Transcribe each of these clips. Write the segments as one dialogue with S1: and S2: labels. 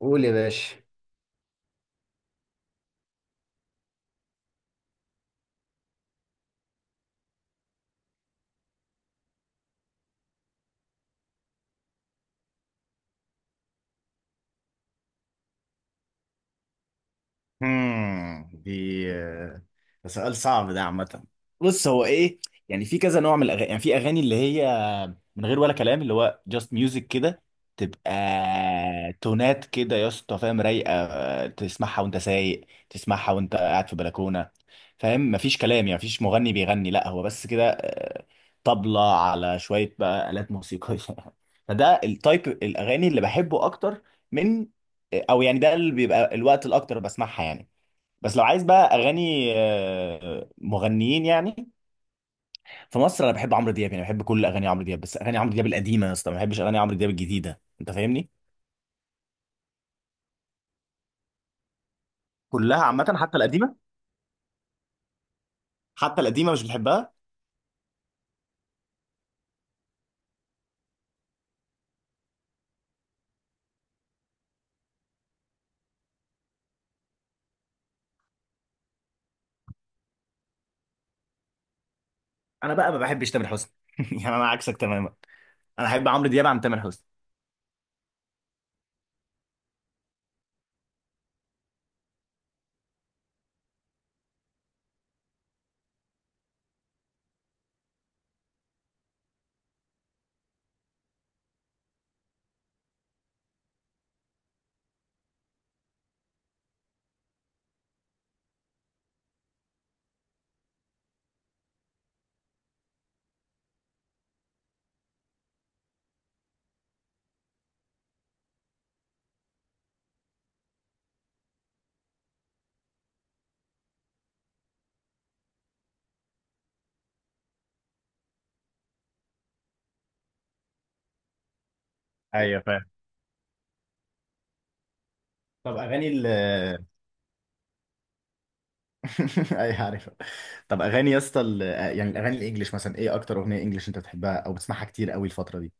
S1: قول يا باشا. دي آه، ده سؤال صعب ده عامة. بص هو ايه، يعني في كذا نوع من الاغاني، يعني في اغاني اللي هي من غير ولا كلام، اللي هو just music كده، تبقى تونات كده يا اسطى، فاهم؟ رايقه، تسمعها وانت سايق، تسمعها وانت قاعد في بلكونه، فاهم؟ مفيش كلام يعني، مفيش مغني بيغني، لا هو بس كده، طبلة على شويه بقى آلات موسيقيه. فده التايب الاغاني اللي بحبه اكتر من او، يعني ده اللي بيبقى الوقت الاكتر بسمعها يعني. بس لو عايز بقى اغاني، مغنيين يعني، في مصر انا بحب عمرو دياب، يعني بحب كل اغاني عمرو دياب، بس اغاني عمرو دياب القديمه يا اسطى، ما بحبش اغاني عمرو دياب الجديده، انت فاهمني؟ كلها عامه حتى القديمه. حتى القديمه مش بتحبها؟ انا بقى ما بحبش تامر حسني. يعني انا عكسك تماما، انا احب عمرو دياب عن تامر حسني. ايوه فاهم. طب اغاني ال ايوه عارفها. طب اغاني يا اسطى يعني الاغاني الانجليش مثلا، ايه اكتر اغنيه انجليش انت بتحبها او بتسمعها كتير قوي الفتره دي؟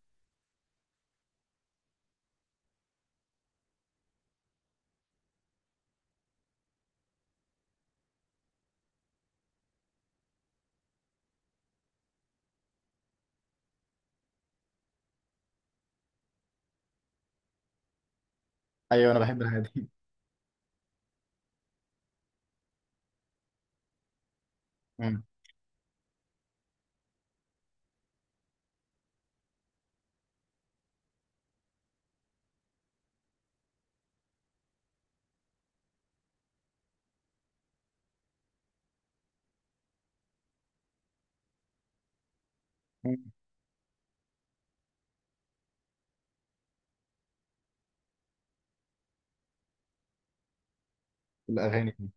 S1: ايوه انا بحب الحاجات دي. مم. مم. الأغاني دي.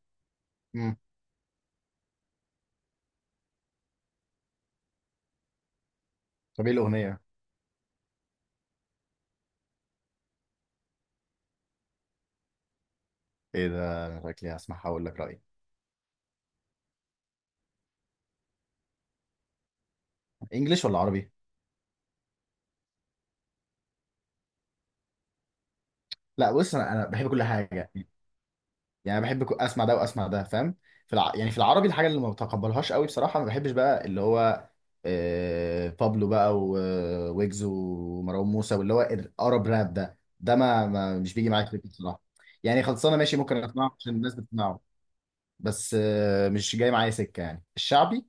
S1: مم. طب إيه الأغنية؟ إيه ده، أنا شكلي هسمعها وأقول لك رأيي. إنجليش ولا عربي؟ لا بص، أنا بحب كل حاجة، يعني بحب أسمع ده وأسمع ده، فاهم؟ في يعني في العربي، الحاجة اللي ما بتقبلهاش قوي بصراحة، ما بحبش بقى اللي هو بابلو بقى ويجز ومروان موسى، واللي هو الأرب راب ده، ما مش بيجي معايا سكة بصراحة. يعني خلصانة ماشي، ممكن أسمعه عشان الناس بتسمعه، بس مش جاي معايا سكة يعني الشعبي.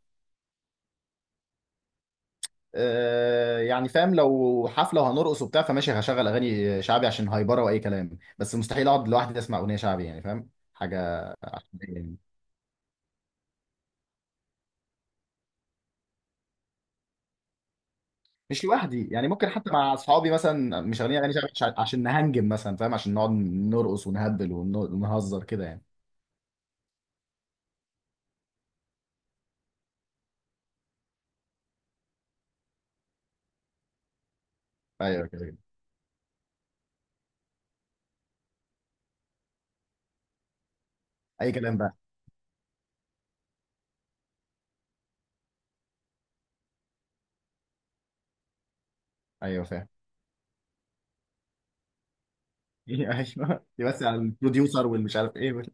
S1: يعني فاهم، لو حفله وهنرقص وبتاع فماشي، هشغل اغاني شعبي عشان هايبره واي كلام، بس مستحيل اقعد لوحدي اسمع اغنيه شعبي يعني، فاهم حاجه عشوائية يعني؟ مش لوحدي يعني، ممكن حتى مع اصحابي مثلا، مش شغالين اغاني شعبي عشان نهنجم مثلا فاهم، عشان نقعد نرقص ونهبل ونهزر كده يعني. ايوه كده كده. اي كلام بقى. ايوه فاهم. ايوه دي بس على البروديوسر والمش عارف ايه وال-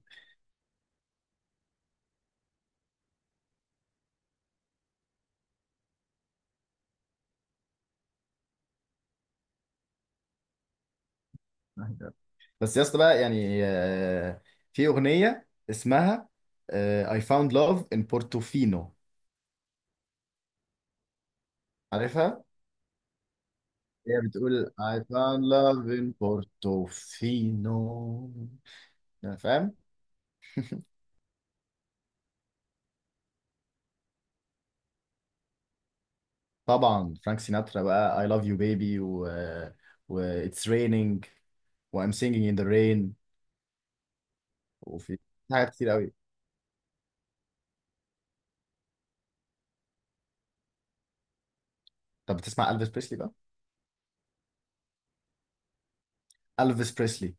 S1: بس يا اسطى بقى يعني، في اغنيه اسمها I found love in Portofino. عارفها. هي بتقول I found love in Portofino، يعني فاهم. طبعا فرانك سيناترا بقى، I love you baby، و It's raining، و I'm singing in the rain، وفي حاجات كتير قوي. طب بتسمع ألفيس بريسلي بقى؟ ألفيس بريسلي.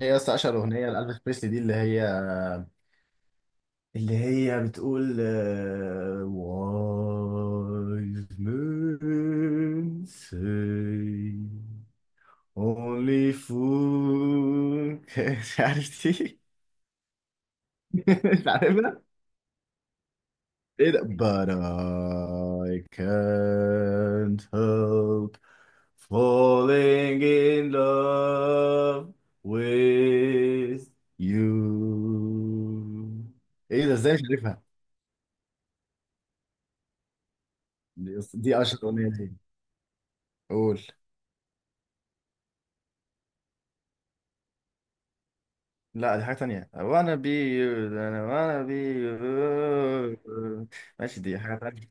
S1: هي أصلا أشهر أغنية لألفيس بريسلي دي، اللي هي بتقول Wise men say, Only fool can- مش عارف دي. مش عارفها. ايه ده but I can't help falling in love with you. ايه ده، ازاي مش عارفها؟ دي دي اشهر اغنية دي. قول. لا دي حاجة تانية، وانا بي انا وانا بي. ماشي، دي حاجة تانية.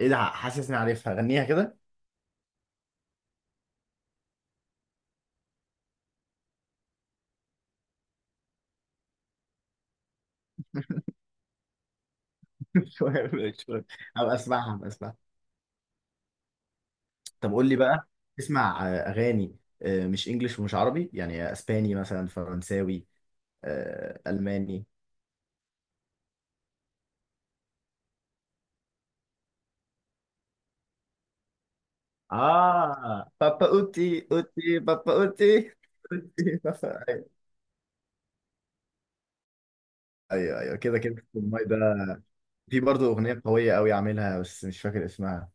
S1: ايه ده، حاسس اني عارفها، غنيها كده. شوية ماشي، شوية. هبقى اسمعها، هبقى اسمعها. طب قول لي بقى، تسمع اغاني، مش انجليش ومش عربي، يعني اسباني مثلا، فرنساوي، الماني؟ اه بابا اوتي، اوتي بابا اوتي. أوتي، بابا ايوه. ايوه أيوة، كده كده في الماي ده. في برضه اغنيه قويه قوي عاملها بس مش فاكر اسمها،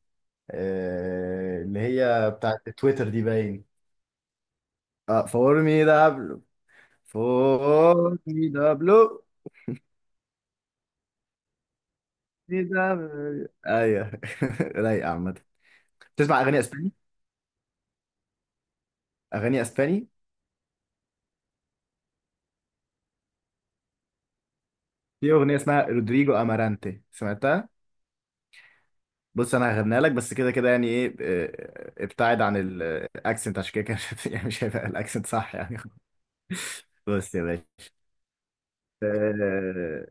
S1: اللي هي بتاعت تويتر دي باين. اه فور مي دابلو. فور مي دابلو. ايوه. رايقة عامة. تسمع اغاني اسباني؟ اغاني اسباني. في اغنية اسمها رودريجو امارانتي، سمعتها؟ بص انا هغنيها لك، بس كده كده يعني ايه، ابتعد عن الاكسنت عشان كده كده يعني مش هيبقى الاكسنت صح يعني. بص يا باشا، آه،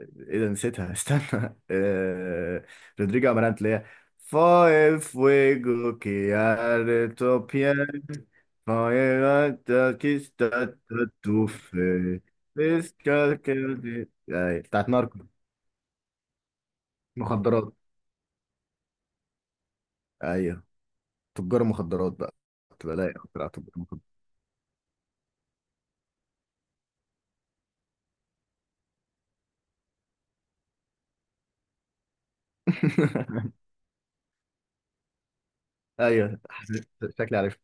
S1: ايه ده نسيتها. استنى آه... رودريجو امارانت، اللي هي فاي فويجو كيار توبيا، فاي تاكيستا تاتوف، بيسكا كيردي. أيوة، بتاعت ناركو. مخدرات. ايوه، تجار مخدرات بقى، تبقى لايق أكتر على تجار مخدرات. ايوه حاسس- شكلي عارف،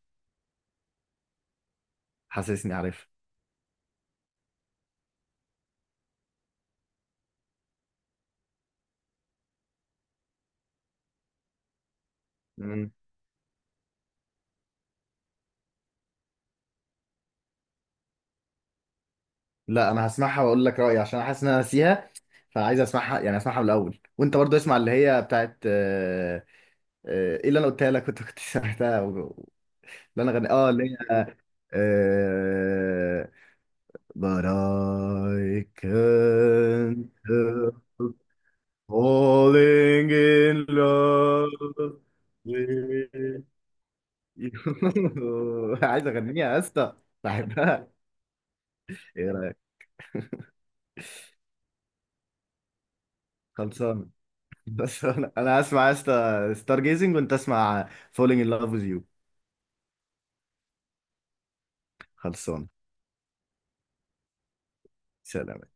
S1: حاسسني عارف. مم. لا انا هسمعها واقول لك رايي، عشان حاسس ان انا ناسيها، فعايز اسمعها يعني اسمعها من الاول، وانت برضو اسمع اللي هي بتاعت ايه اللي انا قلتها لك، كنت سمعتها اللي انا غني اه اللي هي آه، But I can't help falling in love with you. عايز اغنيها يا اسطى، بحبها. ايه رايك؟ خلصان. بس انا، أنا هسمع يا اسطى ستار جيزنج، وانت اسمع فولينج ان لاف ويز يو. خلصان. سلام.